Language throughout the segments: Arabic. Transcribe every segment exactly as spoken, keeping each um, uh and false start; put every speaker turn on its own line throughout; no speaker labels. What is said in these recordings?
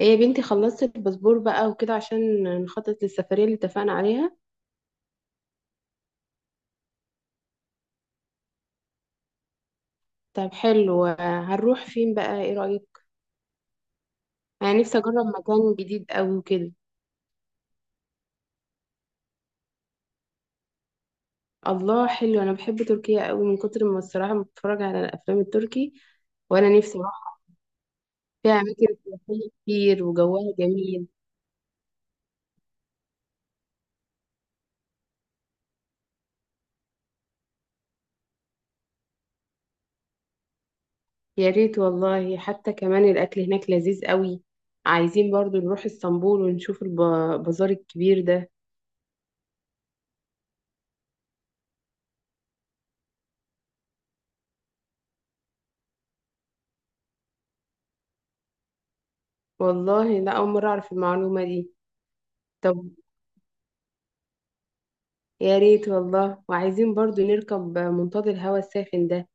ايه يا بنتي، خلصت الباسبور بقى وكده عشان نخطط للسفرية اللي اتفقنا عليها. طب حلو، هنروح فين بقى؟ ايه رأيك؟ انا نفسي اجرب مكان جديد قوي وكده. الله حلو، انا بحب تركيا قوي من كتر ما الصراحة بتفرج على الافلام التركي، وانا نفسي اروح. فيها اماكن سياحية كتير وجوها جميل. يا ريت والله، حتى كمان الاكل هناك لذيذ قوي. عايزين برضو نروح اسطنبول ونشوف البازار الكبير ده. والله لا، اول مرة اعرف المعلومة دي. طب يا ريت والله، وعايزين برضو نركب منطاد الهواء الساخن ده.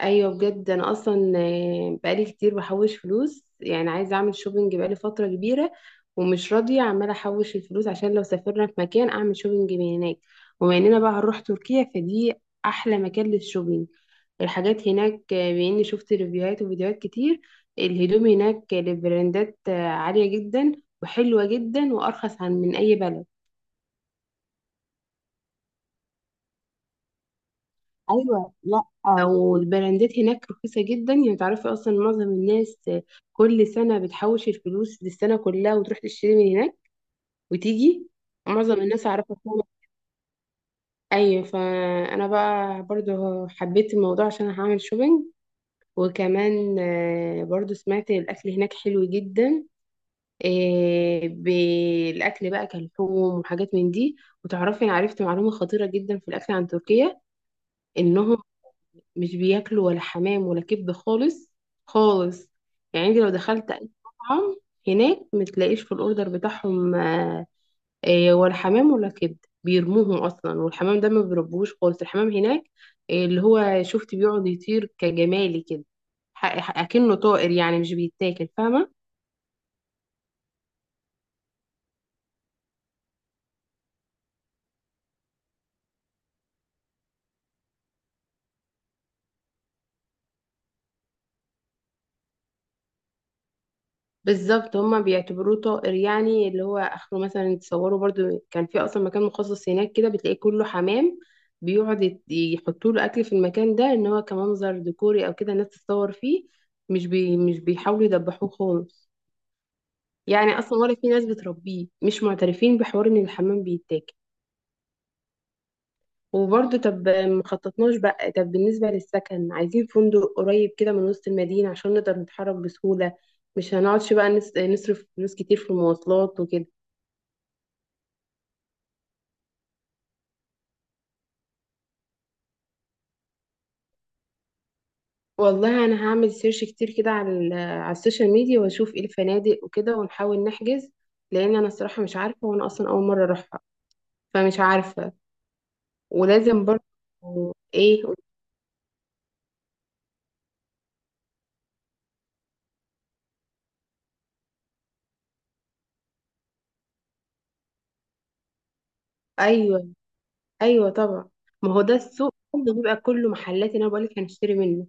ايوه بجد، انا اصلا آه، بقالي كتير بحوش فلوس، يعني عايزه اعمل شوبينج بقالي فتره كبيره، ومش راضيه، عماله احوش الفلوس عشان لو سافرنا في مكان اعمل شوبينج من هناك. وبما اننا بقى هنروح تركيا، فدي احلى مكان للشوبينج. الحاجات هناك آه، باني شفت ريفيوهات وفيديوهات كتير. الهدوم هناك لبراندات آه، عاليه جدا وحلوه جدا، وارخص عن من اي بلد. ايوه لا، والبراندات هناك رخيصه جدا. يعني تعرفي اصلا معظم الناس كل سنه بتحوش الفلوس للسنه كلها وتروح تشتري من هناك وتيجي. معظم الناس اعرفها كده. ايوه، فانا بقى برضو حبيت الموضوع عشان هعمل شوبينج. وكمان آه، برضو سمعت الاكل هناك حلو جدا. آه، بالاكل بقى كلحوم وحاجات من دي. وتعرفي، انا عرفت معلومه خطيره جدا في الاكل عن تركيا: انهم مش بياكلوا ولا حمام ولا كبد خالص. خالص. يعني انت لو دخلت اي مطعم هناك، متلاقيش في الاوردر بتاعهم آه، آه، ولا حمام ولا كبد. بيرموهم اصلا، والحمام ده ما بيربوش خالص الحمام هناك. آه، اللي هو شفت بيقعد يطير كجمالي كده، ح- ح- اكنه طائر، يعني مش بيتاكل، فاهمه؟ بالظبط، هما بيعتبروه طائر. يعني اللي هو اخره مثلا، تصوروا برضو كان في اصلا مكان مخصص هناك كده، بتلاقيه كله حمام، بيقعد يحطوا له اكل في المكان ده، ان هو كمنظر ديكوري او كده الناس تتصور فيه. مش بي مش بيحاولوا يدبحوه خالص. يعني اصلا ولا في ناس بتربيه، مش معترفين بحوار ان الحمام بيتاكل. وبرضه طب مخططناش بقى، طب بالنسبة للسكن عايزين فندق قريب كده من وسط المدينة عشان نقدر نتحرك بسهولة. مش هنقعدش بقى نس- نصرف فلوس كتير في المواصلات وكده. والله انا هعمل سيرش كتير كده على ال- على السوشيال ميديا، واشوف ايه الفنادق وكده، ونحاول نحجز، لان انا الصراحه مش عارفه، وانا اصلا اول مره اروحها، فمش عارفه. ولازم برضه. ايه؟ ايوه، ايوه طبعا. ما هو ده السوق كله بيبقى كله محلات اللي انا بقول لك هنشتري منه.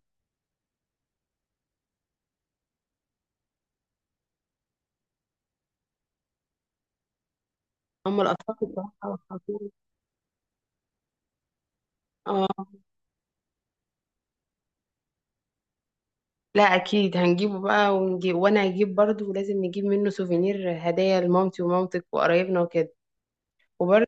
اما الاطفال بصراحه والحاجات- اه. لا اكيد هنجيبه بقى ونجيب، وانا هجيب برضه، ولازم نجيب منه سوفينير هدايا لمامتي ومامتك وقرايبنا وكده. وبرضه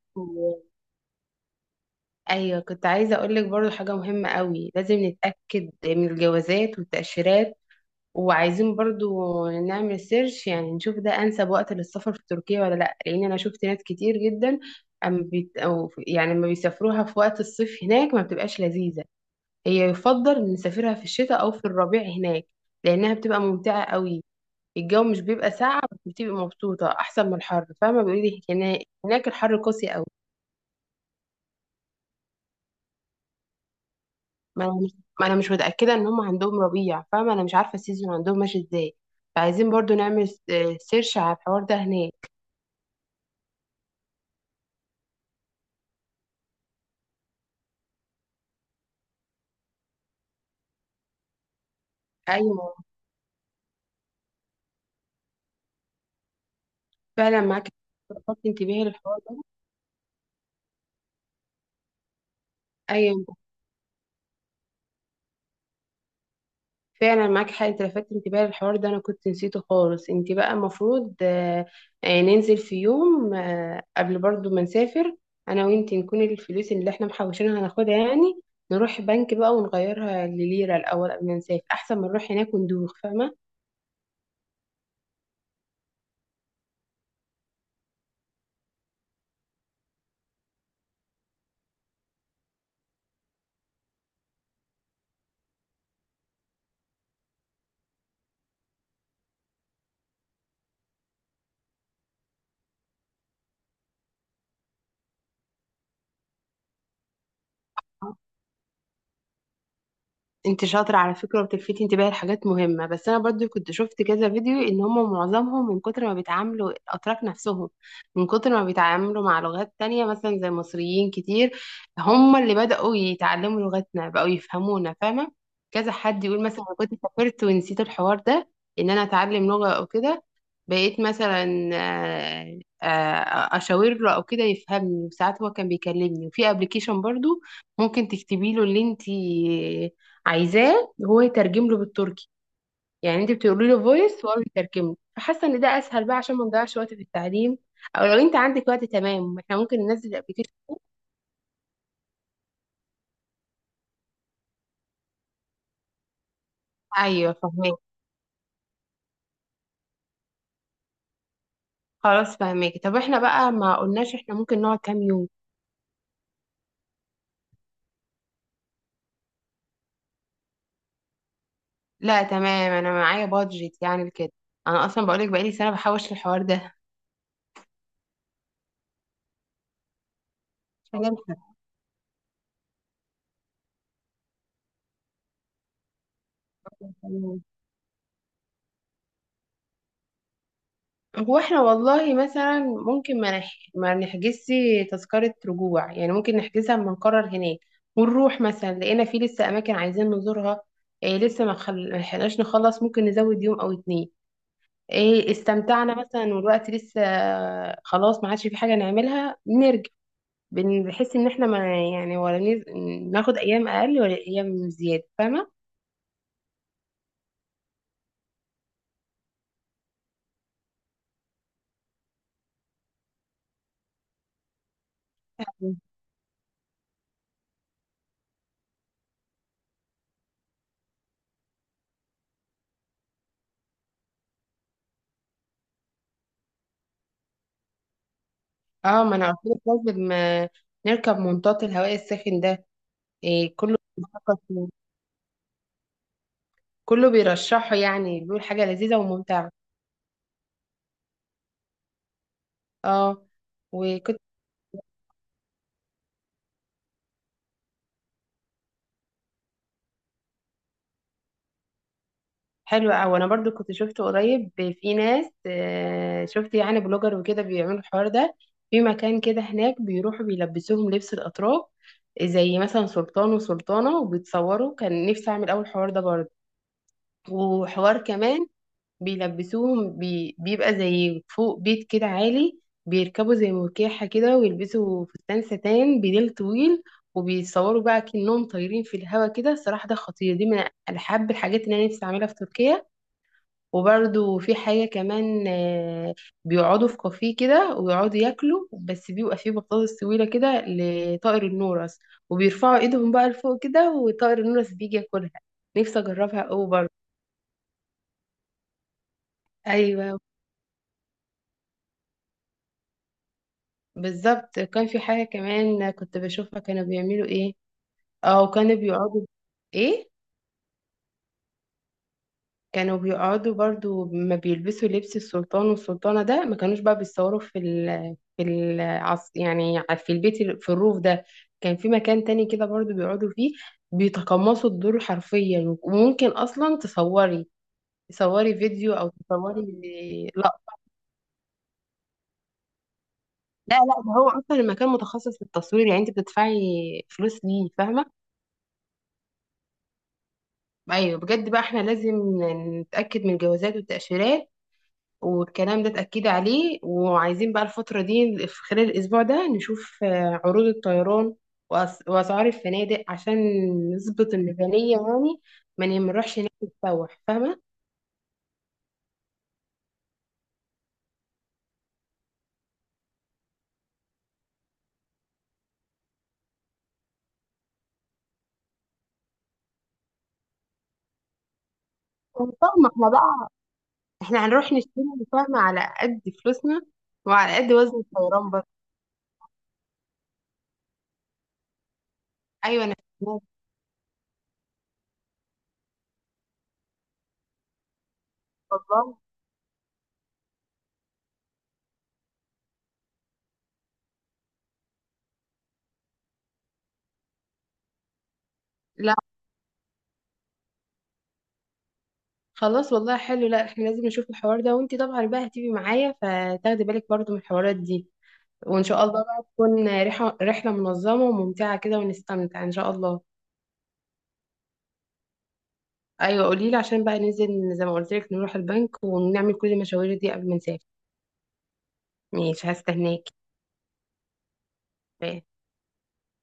ايوه، كنت عايزه اقول لك برضو حاجه مهمه قوي، لازم نتاكد من الجوازات والتاشيرات. وعايزين برضو نعمل سيرش، يعني نشوف ده انسب وقت للسفر في تركيا ولا لا. لان انا شفت ناس كتير جدا، أم بيت أو في- يعني لما بيسافروها في وقت الصيف هناك ما بتبقاش لذيذه. هي يفضل نسافرها في الشتاء او في الربيع هناك، لانها بتبقى ممتعه قوي. الجو مش بيبقى ساقع بس بتبقى مبسوطه، احسن من الحر، فاهمه؟ بيقولي هنا- هناك الحر قاسي قوي. ما انا مش ما أنا مش متاكده ان هم عندهم ربيع، فاهمه؟ انا مش عارفه السيزون عندهم ماشي ازاي، فعايزين برضو نعمل س- سيرش على الحوار ده هناك. ايوه فعلا معاك حق، لفت انتباهي للحوار ده. ايوه فعلا معاك حق، إنت لفت انتباهي للحوار ده، انا كنت نسيته خالص. انت بقى المفروض آه، آه، ننزل في يوم آه، قبل برضو ما نسافر انا وانت، نكون الفلوس اللي احنا محوشينها هناخدها، يعني نروح بنك بقى ونغيرها لليرة الاول قبل ما نسافر، احسن ما نروح هناك وندوخ، فاهمه؟ انت شاطرة على فكرة، وبتلفتي انتباهي لحاجات مهمة. بس انا برضو كنت شفت كذا فيديو، ان هم معظمهم من كتر ما بيتعاملوا الاتراك نفسهم، من كتر ما بيتعاملوا مع لغات تانية مثلا زي المصريين كتير، هم اللي بدأوا يتعلموا لغتنا، بقوا يفهمونا، فاهمة؟ كذا حد يقول مثلا انا كنت سافرت ونسيت الحوار ده، ان انا اتعلم لغة او كده، بقيت مثلا آه، آه، اشاور له او كده يفهمني. وساعات هو كان بيكلمني، وفي ابلكيشن برضو ممكن تكتبي له اللي انت عايزاه هو يترجم له بالتركي، يعني انت بتقولي له فويس وهو بيترجم له، فحاسه ان ده اسهل بقى، عشان ما نضيعش وقت في التعليم. او لو انت عندك وقت تمام احنا ممكن ننزل الابلكيشن. ايوه فهماك. خلاص فهماك. طب احنا بقى ما قلناش، احنا ممكن نقعد كام يوم؟ لا تمام، انا معايا بادجت يعني كده، انا اصلا بقولك بقالي سنه بحوش الحوار ده عشان ألحق. هو احنا والله مثلا ممكن ما نح... ما نحجزش تذكرة رجوع، يعني ممكن نحجزها اما نقرر هناك. ونروح مثلا لقينا في لسه أماكن عايزين نزورها، إيه لسه ما خل... ما لحقناش نخلص، ممكن نزود يوم أو اتنين. إيه استمتعنا مثلا والوقت لسه، خلاص ما عادش في حاجة نعملها، نرجع. بن- بنحس إن احنا ما، يعني ولا نز... ناخد أيام أقل ولا أيام زيادة، فاهمة؟ اه ما أنا قلت لك، لازم آه، نركب منطاد الهواء الساخن ده. إيه كله بيفكر، كله بيرشحه، يعني بيقول حاجة لذيذة وممتعة. اه، وكنت، حلوة أوي. أنا برضو كنت شفت قريب في ناس آه، شفت يعني بلوجر وكده بيعملوا الحوار ده، في مكان كده هناك بيروحوا بيلبسوهم لبس الأتراك، زي مثلا سلطان وسلطانة، وبيتصوروا، كان نفسي أعمل أول حوار ده برضه. وحوار كمان بيلبسوهم بي... بيبقى زي فوق بيت كده عالي، بيركبوا زي مركاحة كده، ويلبسوا فستان ستان بديل طويل، وبيتصوروا بقى كأنهم طايرين في الهوا كده. الصراحة ده خطير، دي من أحب الحاجات اللي أنا نفسي أعملها في تركيا. وبرده في حاجة كمان آه، بيقعدوا في كافيه كده ويقعدوا ياكلوا، بس بيبقى فيه بطاطس طويلة كده لطائر النورس، وبيرفعوا ايدهم بقى لفوق كده، وطائر النورس بيجي ياكلها. نفسي أجربها أوي برضه. أيوة بالظبط، كان في حاجة كمان كنت بشوفها، كانوا بيعملوا ايه او كانوا بيقعدوا، ايه؟ كانوا بيقعدوا برضو ما بيلبسوا لبس السلطان والسلطانة ده، ما كانوش بقى بيتصوروا في ال في ال يعني في البيت، ال- في الروف ده، كان في مكان تاني كده برضو بيقعدوا فيه، بيتقمصوا الدور حرفيا. وممكن اصلا تصوري، تصوري فيديو او تصوري. لا لا لا ده هو اصلا المكان متخصص للتصوير، يعني انت بتدفعي فلوس ليه، فاهمة؟ ايوه بجد بقى، احنا لازم نتاكد من الجوازات والتاشيرات والكلام ده، اتاكد عليه. وعايزين بقى الفتره دي في خلال الاسبوع ده نشوف آه، عروض الطيران وأس- واسعار الفنادق عشان نظبط الميزانيه، يعني ما نروحش هناك نتسوح، فاهمه؟ فاهمه احنا بقى، احنا هنروح نشتري، فاهمه، على قد فلوسنا وعلى قد وزن الطيران برضه. ايوه انا فاهمة. والله لا خلاص، والله حلو. لا احنا لازم نشوف الحوار ده، وانتي طبعا بقى هتيجي معايا، فتاخدي بالك برضه من الحوارات دي. وان شاء الله بقى تكون رحله، رحله منظمه وممتعه كده، ونستمتع ان شاء الله. ايوه قولي لي، عشان بقى ننزل زي ما قلت لك نروح البنك ونعمل كل المشاوير دي قبل ما نسافر. ماشي، هستناكي.